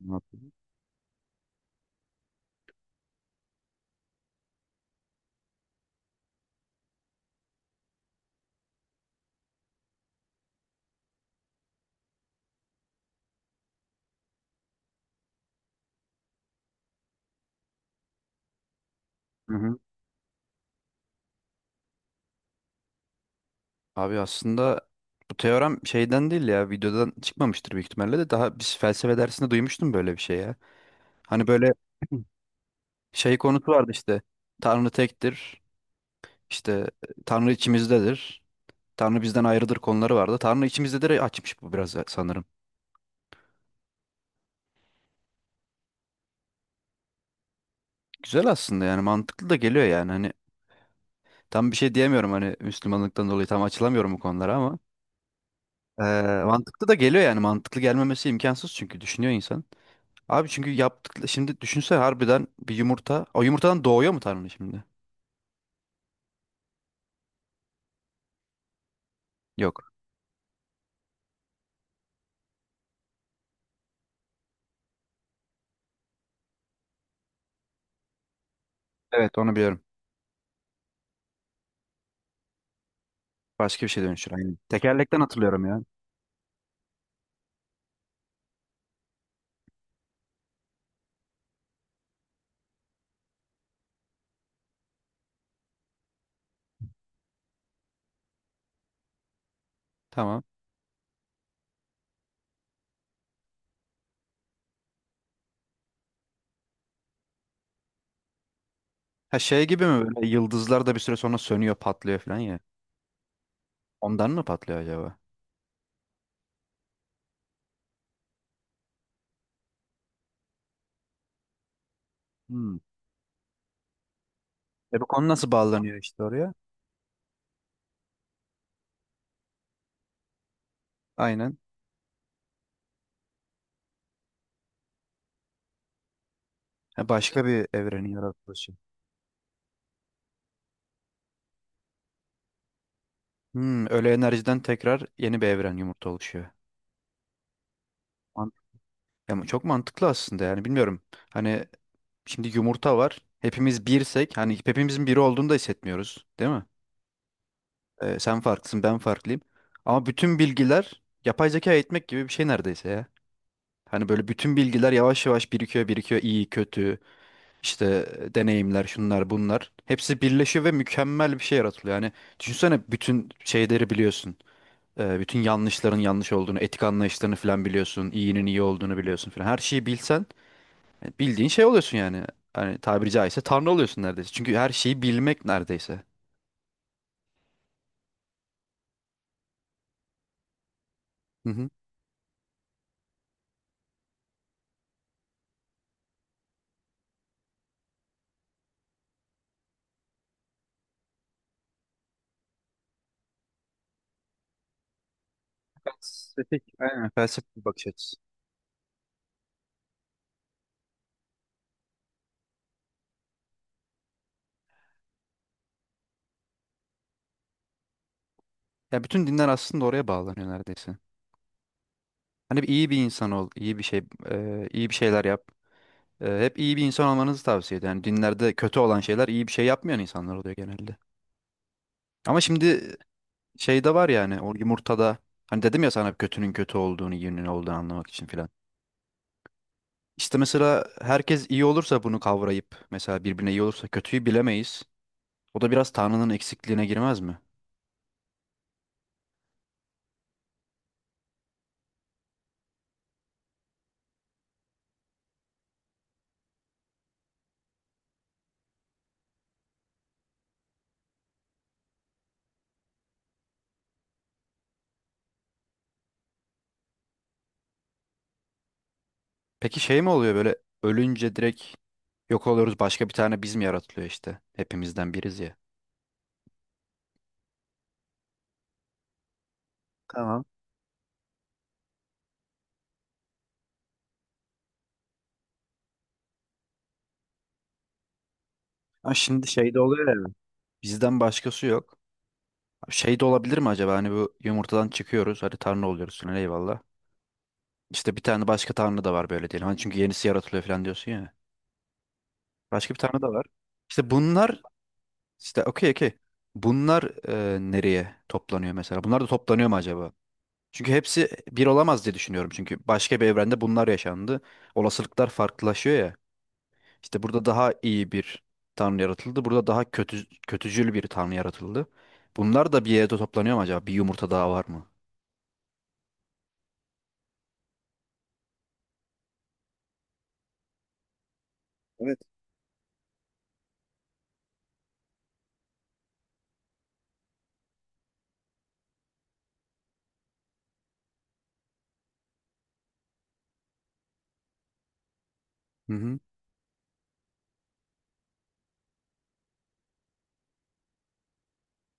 Ne yapayım? Hı hı. Abi aslında bu teorem şeyden değil ya, videodan çıkmamıştır büyük ihtimalle de, daha biz felsefe dersinde duymuştum böyle bir şey ya. Hani böyle şey konusu vardı, işte Tanrı tektir, işte Tanrı içimizdedir, Tanrı bizden ayrıdır konuları vardı. Tanrı içimizdedir açmış bu biraz sanırım. Güzel aslında, yani mantıklı da geliyor, yani hani tam bir şey diyemiyorum, hani Müslümanlıktan dolayı tam açılamıyorum bu konulara ama mantıklı da geliyor yani, mantıklı gelmemesi imkansız çünkü düşünüyor insan. Abi çünkü yaptıkları, şimdi düşünsene harbiden bir yumurta. O yumurtadan doğuyor mu Tanrı şimdi? Yok. Evet, onu biliyorum. Başka bir şey dönüşür. Aynen. Tekerlekten hatırlıyorum ya. Tamam. Ha, şey gibi mi, böyle yıldızlar da bir süre sonra sönüyor patlıyor falan ya. Ondan mı patlıyor acaba? Hmm. E, bu konu nasıl bağlanıyor işte oraya? Aynen. Ha, başka bir evrenin yaratılışı. Hmm, öyle enerjiden tekrar yeni bir evren yumurta oluşuyor. Man- Ya, çok mantıklı aslında, yani bilmiyorum. Hani şimdi yumurta var. Hepimiz birsek, hani hepimizin biri olduğunu da hissetmiyoruz, değil mi? Sen farklısın, ben farklıyım. Ama bütün bilgiler yapay zeka eğitmek gibi bir şey neredeyse ya. Hani böyle bütün bilgiler yavaş yavaş birikiyor, birikiyor. İyi, kötü, işte e, deneyimler, şunlar, bunlar. Hepsi birleşiyor ve mükemmel bir şey yaratılıyor. Yani düşünsene, bütün şeyleri biliyorsun. Bütün yanlışların yanlış olduğunu, etik anlayışlarını falan biliyorsun. İyinin iyi olduğunu biliyorsun falan. Her şeyi bilsen, bildiğin şey oluyorsun yani. Hani tabiri caizse tanrı oluyorsun neredeyse. Çünkü her şeyi bilmek neredeyse. Hı hı. Felsefik, aynen felsefik bir bakış açısı. Ya bütün dinler aslında oraya bağlanıyor neredeyse. Hani bir iyi bir insan ol, iyi bir şey, e, iyi bir şeyler yap. E, hep iyi bir insan olmanızı tavsiye ediyor. Yani dinlerde kötü olan şeyler iyi bir şey yapmayan insanlar oluyor genelde. Ama şimdi şey de var yani, o yumurtada, hani dedim ya sana kötünün kötü olduğunu, iyinin olduğunu anlamak için filan. İşte mesela herkes iyi olursa, bunu kavrayıp mesela birbirine iyi olursa kötüyü bilemeyiz. O da biraz Tanrı'nın eksikliğine girmez mi? Peki şey mi oluyor böyle, ölünce direkt yok oluyoruz, başka bir tane biz mi yaratılıyor işte? Hepimizden biriz ya. Tamam. Ha şimdi şey de oluyor ya. Bizden başkası yok. Şey de olabilir mi acaba, hani bu yumurtadan çıkıyoruz, hadi Tanrı oluyoruz falan, eyvallah. İşte bir tane başka Tanrı da var böyle diyelim. Hani çünkü yenisi yaratılıyor falan diyorsun ya. Başka bir Tanrı da var. İşte bunlar, işte okey okey. Bunlar e, nereye toplanıyor mesela? Bunlar da toplanıyor mu acaba? Çünkü hepsi bir olamaz diye düşünüyorum. Çünkü başka bir evrende bunlar yaşandı. Olasılıklar farklılaşıyor ya. İşte burada daha iyi bir tanrı yaratıldı. Burada daha kötü, kötücül bir tanrı yaratıldı. Bunlar da bir yerde toplanıyor mu acaba? Bir yumurta daha var mı? Evet. Hı hı.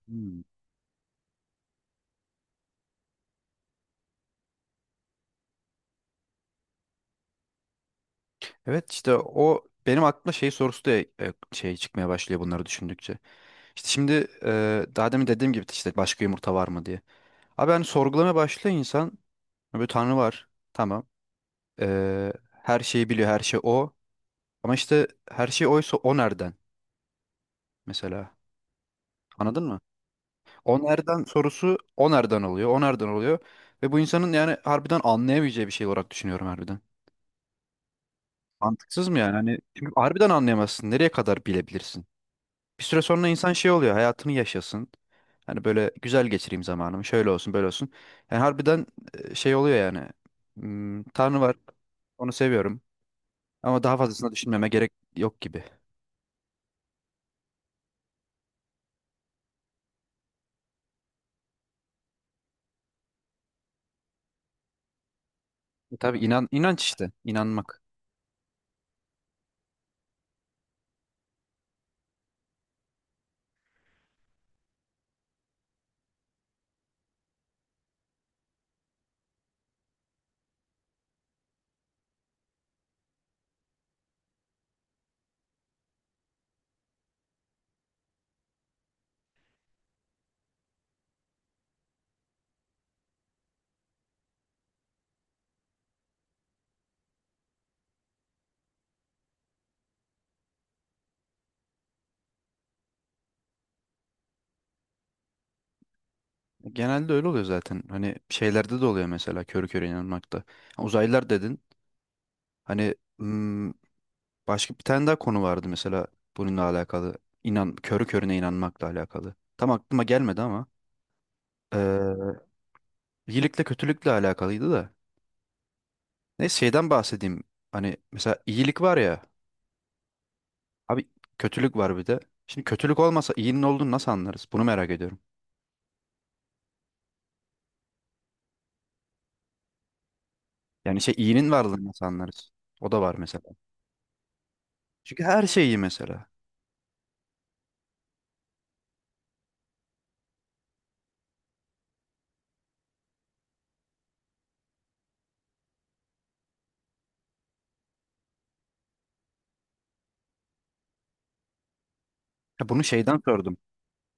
Hmm. Evet işte o benim aklıma şey sorusu da e, şey çıkmaya başlıyor bunları düşündükçe. İşte şimdi e, daha demin dediğim gibi işte başka yumurta var mı diye. Abi hani sorgulamaya başlıyor insan. Böyle Tanrı var. Tamam. E, her şeyi biliyor. Her şey o. Ama işte her şey oysa o nereden, mesela. Anladın mı? O nereden sorusu, o nereden oluyor, o nereden oluyor. Ve bu insanın yani harbiden anlayamayacağı bir şey olarak düşünüyorum harbiden. Mantıksız mı yani? Hani çünkü harbiden anlayamazsın. Nereye kadar bilebilirsin? Bir süre sonra insan şey oluyor, hayatını yaşasın. Hani böyle güzel geçireyim zamanımı, şöyle olsun, böyle olsun. Yani harbiden e, şey oluyor yani. Hmm, Tanrı var, onu seviyorum. Ama daha fazlasını düşünmeme gerek yok gibi. E tabii, inan, inanç işte, inanmak. Genelde öyle oluyor zaten. Hani şeylerde de oluyor mesela, körü körü inanmakta. Ha, Uzaylılar dedin. Hani hmm, başka bir tane daha konu vardı mesela bununla alakalı. İnan, körü körüne inanmakla alakalı. Tam aklıma gelmedi ama eee, iyilikle kötülükle alakalıydı da. Neyse, şeyden bahsedeyim. Hani mesela iyilik var ya. Abi kötülük var bir de. Şimdi kötülük olmasa iyinin olduğunu nasıl anlarız? Bunu merak ediyorum. Yani şey, iyinin varlığını nasıl anlarız? O da var mesela. Çünkü her şey iyi mesela. Ya bunu şeyden sordum.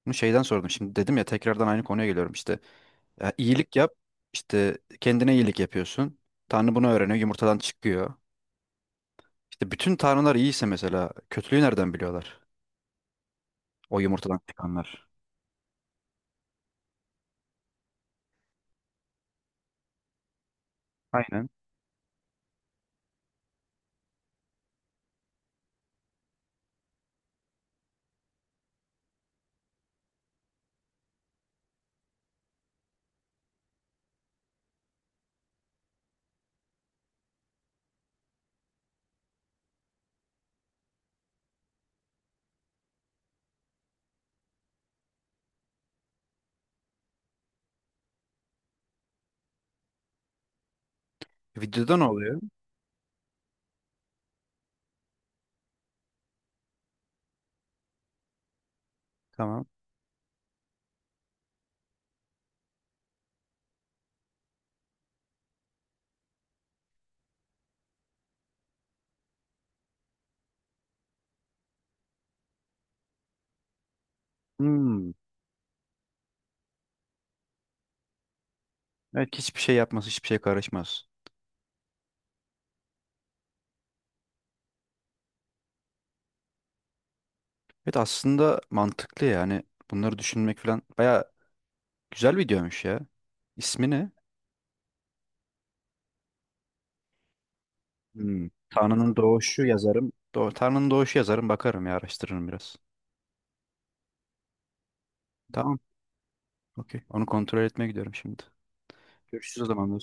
Bunu şeyden sordum. Şimdi dedim ya, tekrardan aynı konuya geliyorum işte. Ya, iyilik yap. İşte kendine iyilik yapıyorsun. Tanrı bunu öğreniyor. Yumurtadan çıkıyor. İşte bütün tanrılar iyiyse mesela kötülüğü nereden biliyorlar? O yumurtadan çıkanlar. Aynen. Videoda ne oluyor? Tamam. Hmm. Evet, hiçbir şey yapmaz, hiçbir şey karışmaz. Evet aslında mantıklı yani. Bunları düşünmek falan baya güzel videoymuş ya. İsmi ne? Hmm. Tanrı'nın Doğuşu yazarım. Tanrı'nın Doğuşu yazarım, bakarım ya, araştırırım biraz. Tamam. Okey. Onu kontrol etmeye gidiyorum şimdi. Görüşürüz o zaman.